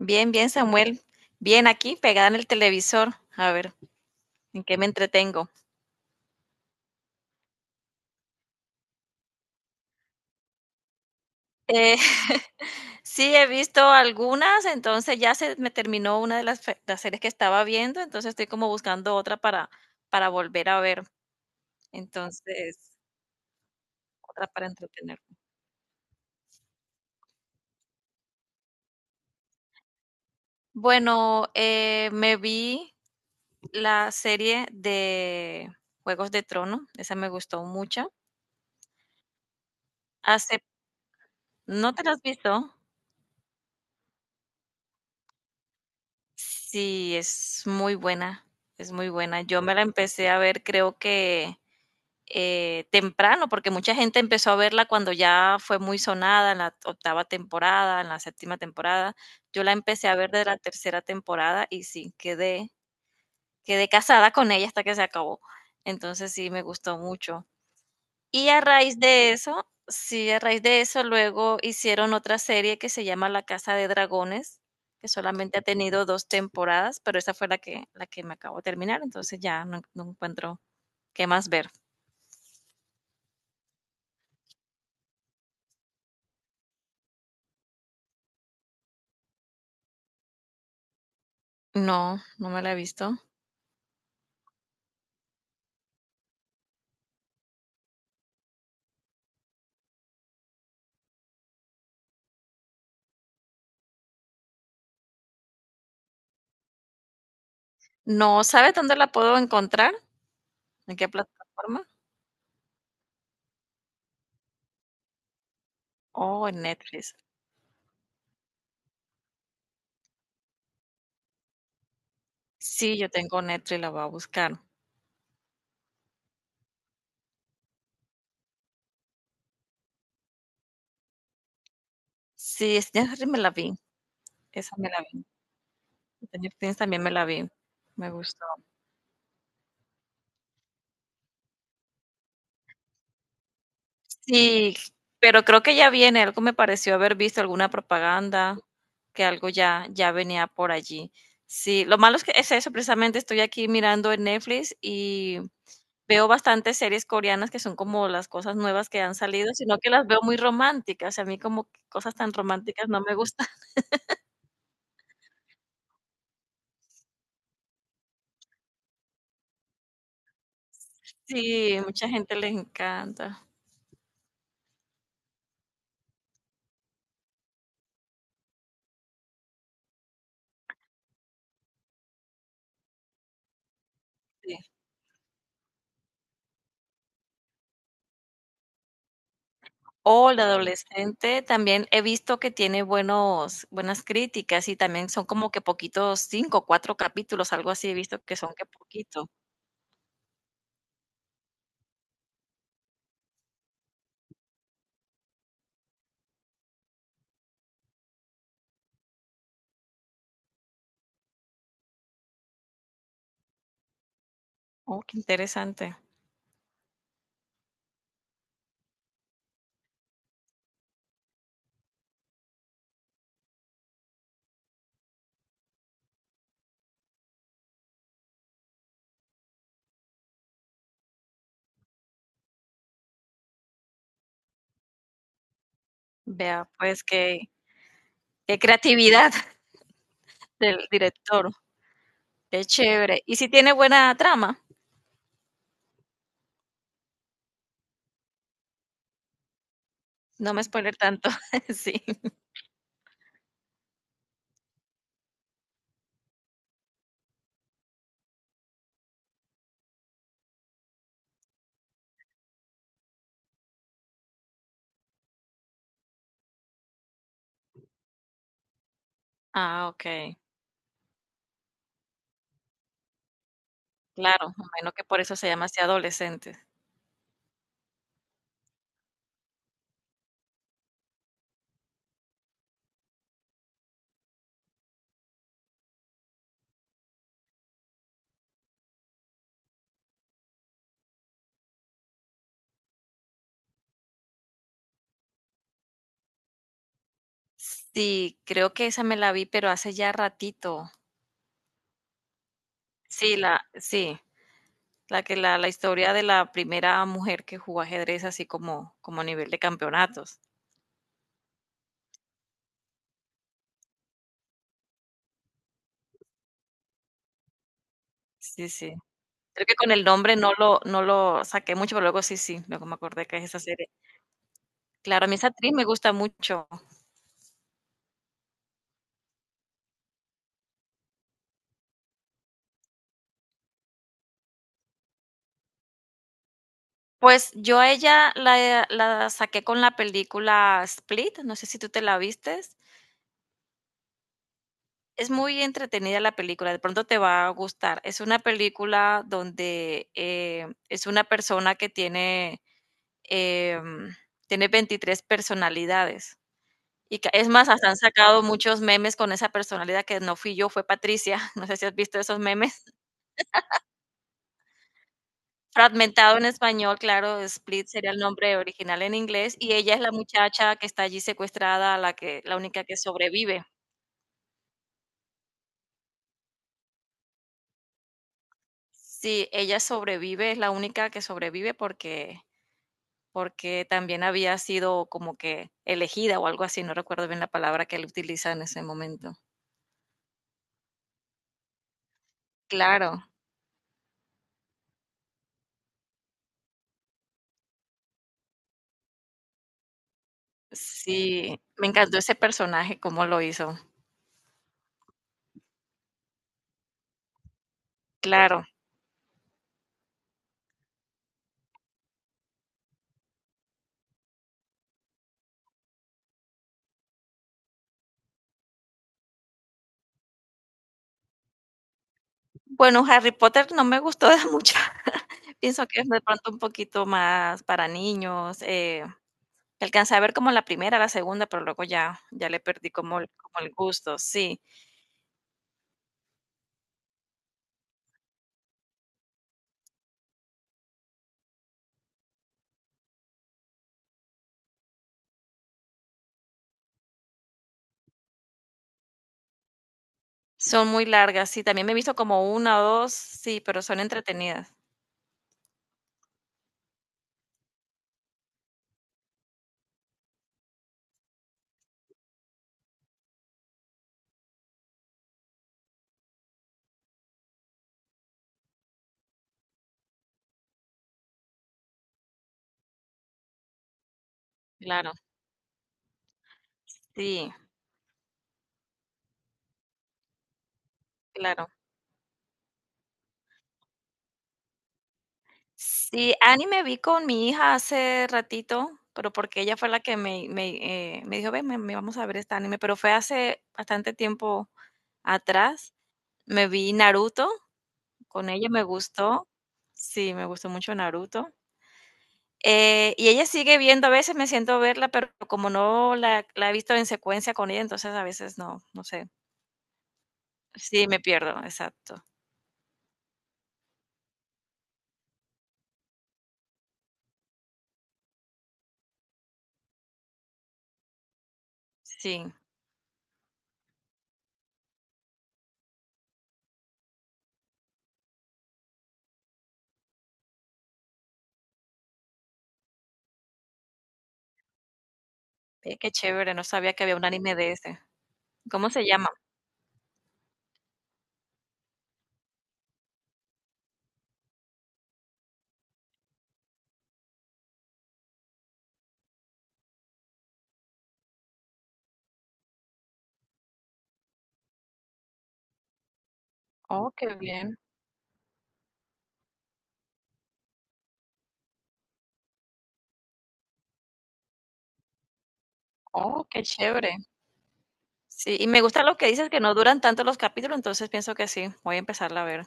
Bien, bien, Samuel. Bien, aquí pegada en el televisor. A ver, ¿en qué me entretengo? Eh, sí, he visto algunas, entonces ya se me terminó una de las, las series que estaba viendo, entonces estoy como buscando otra para volver a ver. Entonces, otra para entretener. Bueno, me vi la serie de Juegos de Trono, esa me gustó mucho. Hace, ¿No te la has visto? Sí, es muy buena, es muy buena. Yo me la empecé a ver, creo que temprano, porque mucha gente empezó a verla cuando ya fue muy sonada en la octava temporada, en la séptima temporada. Yo la empecé a ver de la tercera temporada y sí, quedé casada con ella hasta que se acabó. Entonces sí, me gustó mucho. Y a raíz de eso sí, a raíz de eso luego hicieron otra serie que se llama La Casa de Dragones, que solamente ha tenido 2 temporadas, pero esa fue la que me acabo de terminar, entonces ya no encuentro qué más ver. No, no me la he visto. No, ¿sabes dónde la puedo encontrar? ¿En qué plataforma? Oh, en Netflix. Sí, yo tengo Netflix, la voy a buscar. Sí, es ya me la vi, esa me la vi. Stranger Things también me la vi, me gustó. Sí, pero creo que ya viene, algo me pareció haber visto alguna propaganda, que algo ya venía por allí. Sí, lo malo es que es eso, precisamente estoy aquí mirando en Netflix y veo bastantes series coreanas que son como las cosas nuevas que han salido, sino que las veo muy románticas, y a mí como que cosas tan románticas no me gustan. Sí, mucha gente le encanta. Sí. O la adolescente también he visto que tiene buenos buenas críticas y también son como que poquitos, 5 4 capítulos, algo así he visto que son que poquito. Oh, qué interesante. Vea, pues qué creatividad del director, qué chévere. ¿Y si tiene buena trama? No me spoiler tanto, sí. Ah, okey, claro, me imagino que por eso se llama así adolescente. Sí, creo que esa me la vi, pero hace ya ratito. Sí, la, sí, la que la historia de la primera mujer que jugó ajedrez así como, como a nivel de campeonatos. Sí, sí. Creo que con el nombre no lo saqué mucho, pero luego sí, sí, luego me acordé que es esa serie. Claro, a mí esa actriz me gusta mucho. Pues yo a ella la saqué con la película Split, no sé si tú te la vistes. Es muy entretenida la película, de pronto te va a gustar. Es una película donde es una persona que tiene Em, tiene 23 personalidades. Y ca es más, hasta han sacado muchos memes con esa personalidad que no fui yo, fue Patricia. No sé si has visto esos memes. Fragmentado en español, claro, Split sería el nombre original en inglés, y ella es la muchacha que está allí secuestrada, la que la única que sobrevive. Sí, ella sobrevive, es la única que sobrevive porque también había sido como que elegida o algo así, no recuerdo bien la palabra que él utiliza en ese momento. Claro. Sí, me encantó ese personaje, cómo lo hizo. Claro. Bueno, Harry Potter no me gustó de mucho. Pienso que es de pronto un poquito más para niños. Alcancé a ver como la primera, la segunda, pero luego ya, ya le perdí como el gusto. Sí, son muy largas. Sí, también me he visto como una o dos, sí, pero son entretenidas. Claro, sí, claro. Sí, anime vi con mi hija hace ratito, pero porque ella fue la que me dijo, ven, me vamos a ver este anime, pero fue hace bastante tiempo atrás. Me vi Naruto, con ella me gustó, sí, me gustó mucho Naruto. Y ella sigue viendo, a veces me siento a verla, pero como no la he visto en secuencia con ella, entonces a veces no, no sé. Sí, me pierdo, exacto. Sí, qué chévere, no sabía que había un anime de ese. ¿Cómo se llama? Oh, qué bien. Oh, qué chévere. Sí, y me gusta lo que dices, que no duran tanto los capítulos, entonces pienso que sí, voy a empezarla a ver.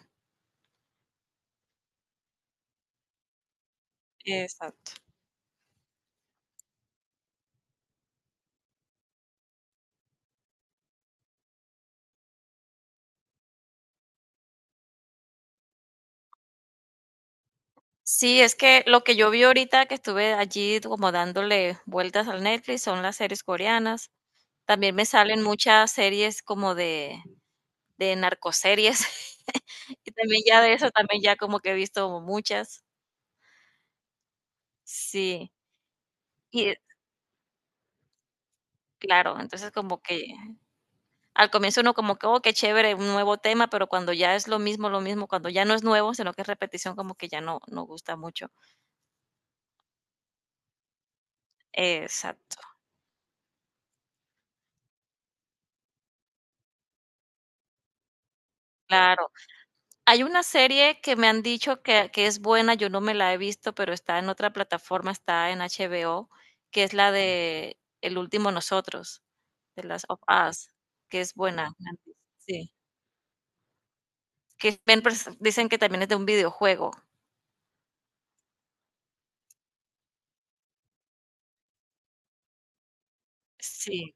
Exacto. Sí, es que lo que yo vi ahorita que estuve allí como dándole vueltas al Netflix son las series coreanas. También me salen muchas series como de narcoseries. Y también ya de eso, también ya como que he visto muchas. Sí. Y claro, entonces como que al comienzo uno como que: "Oh, qué chévere, un nuevo tema", pero cuando ya es lo mismo, cuando ya no es nuevo, sino que es repetición, como que ya no gusta mucho. Exacto, claro. Hay una serie que me han dicho que es buena, yo no me la he visto, pero está en otra plataforma, está en HBO, que es la de El último nosotros, de las of Us, que es buena, me han di sí, que ven pers dicen que también es de un videojuego. Sí,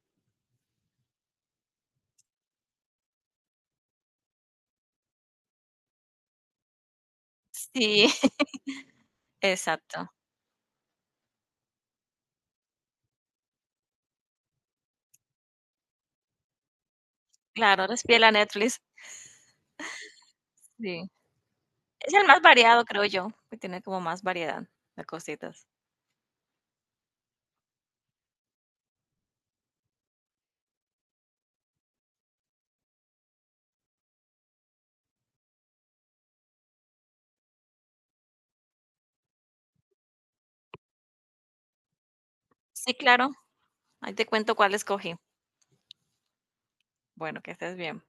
sí, exacto. Claro, eres fiel a Netflix, sí. Es el más variado, creo yo, que tiene como más variedad de cositas. Sí, claro, ahí te cuento cuál escogí. Bueno, que estés bien.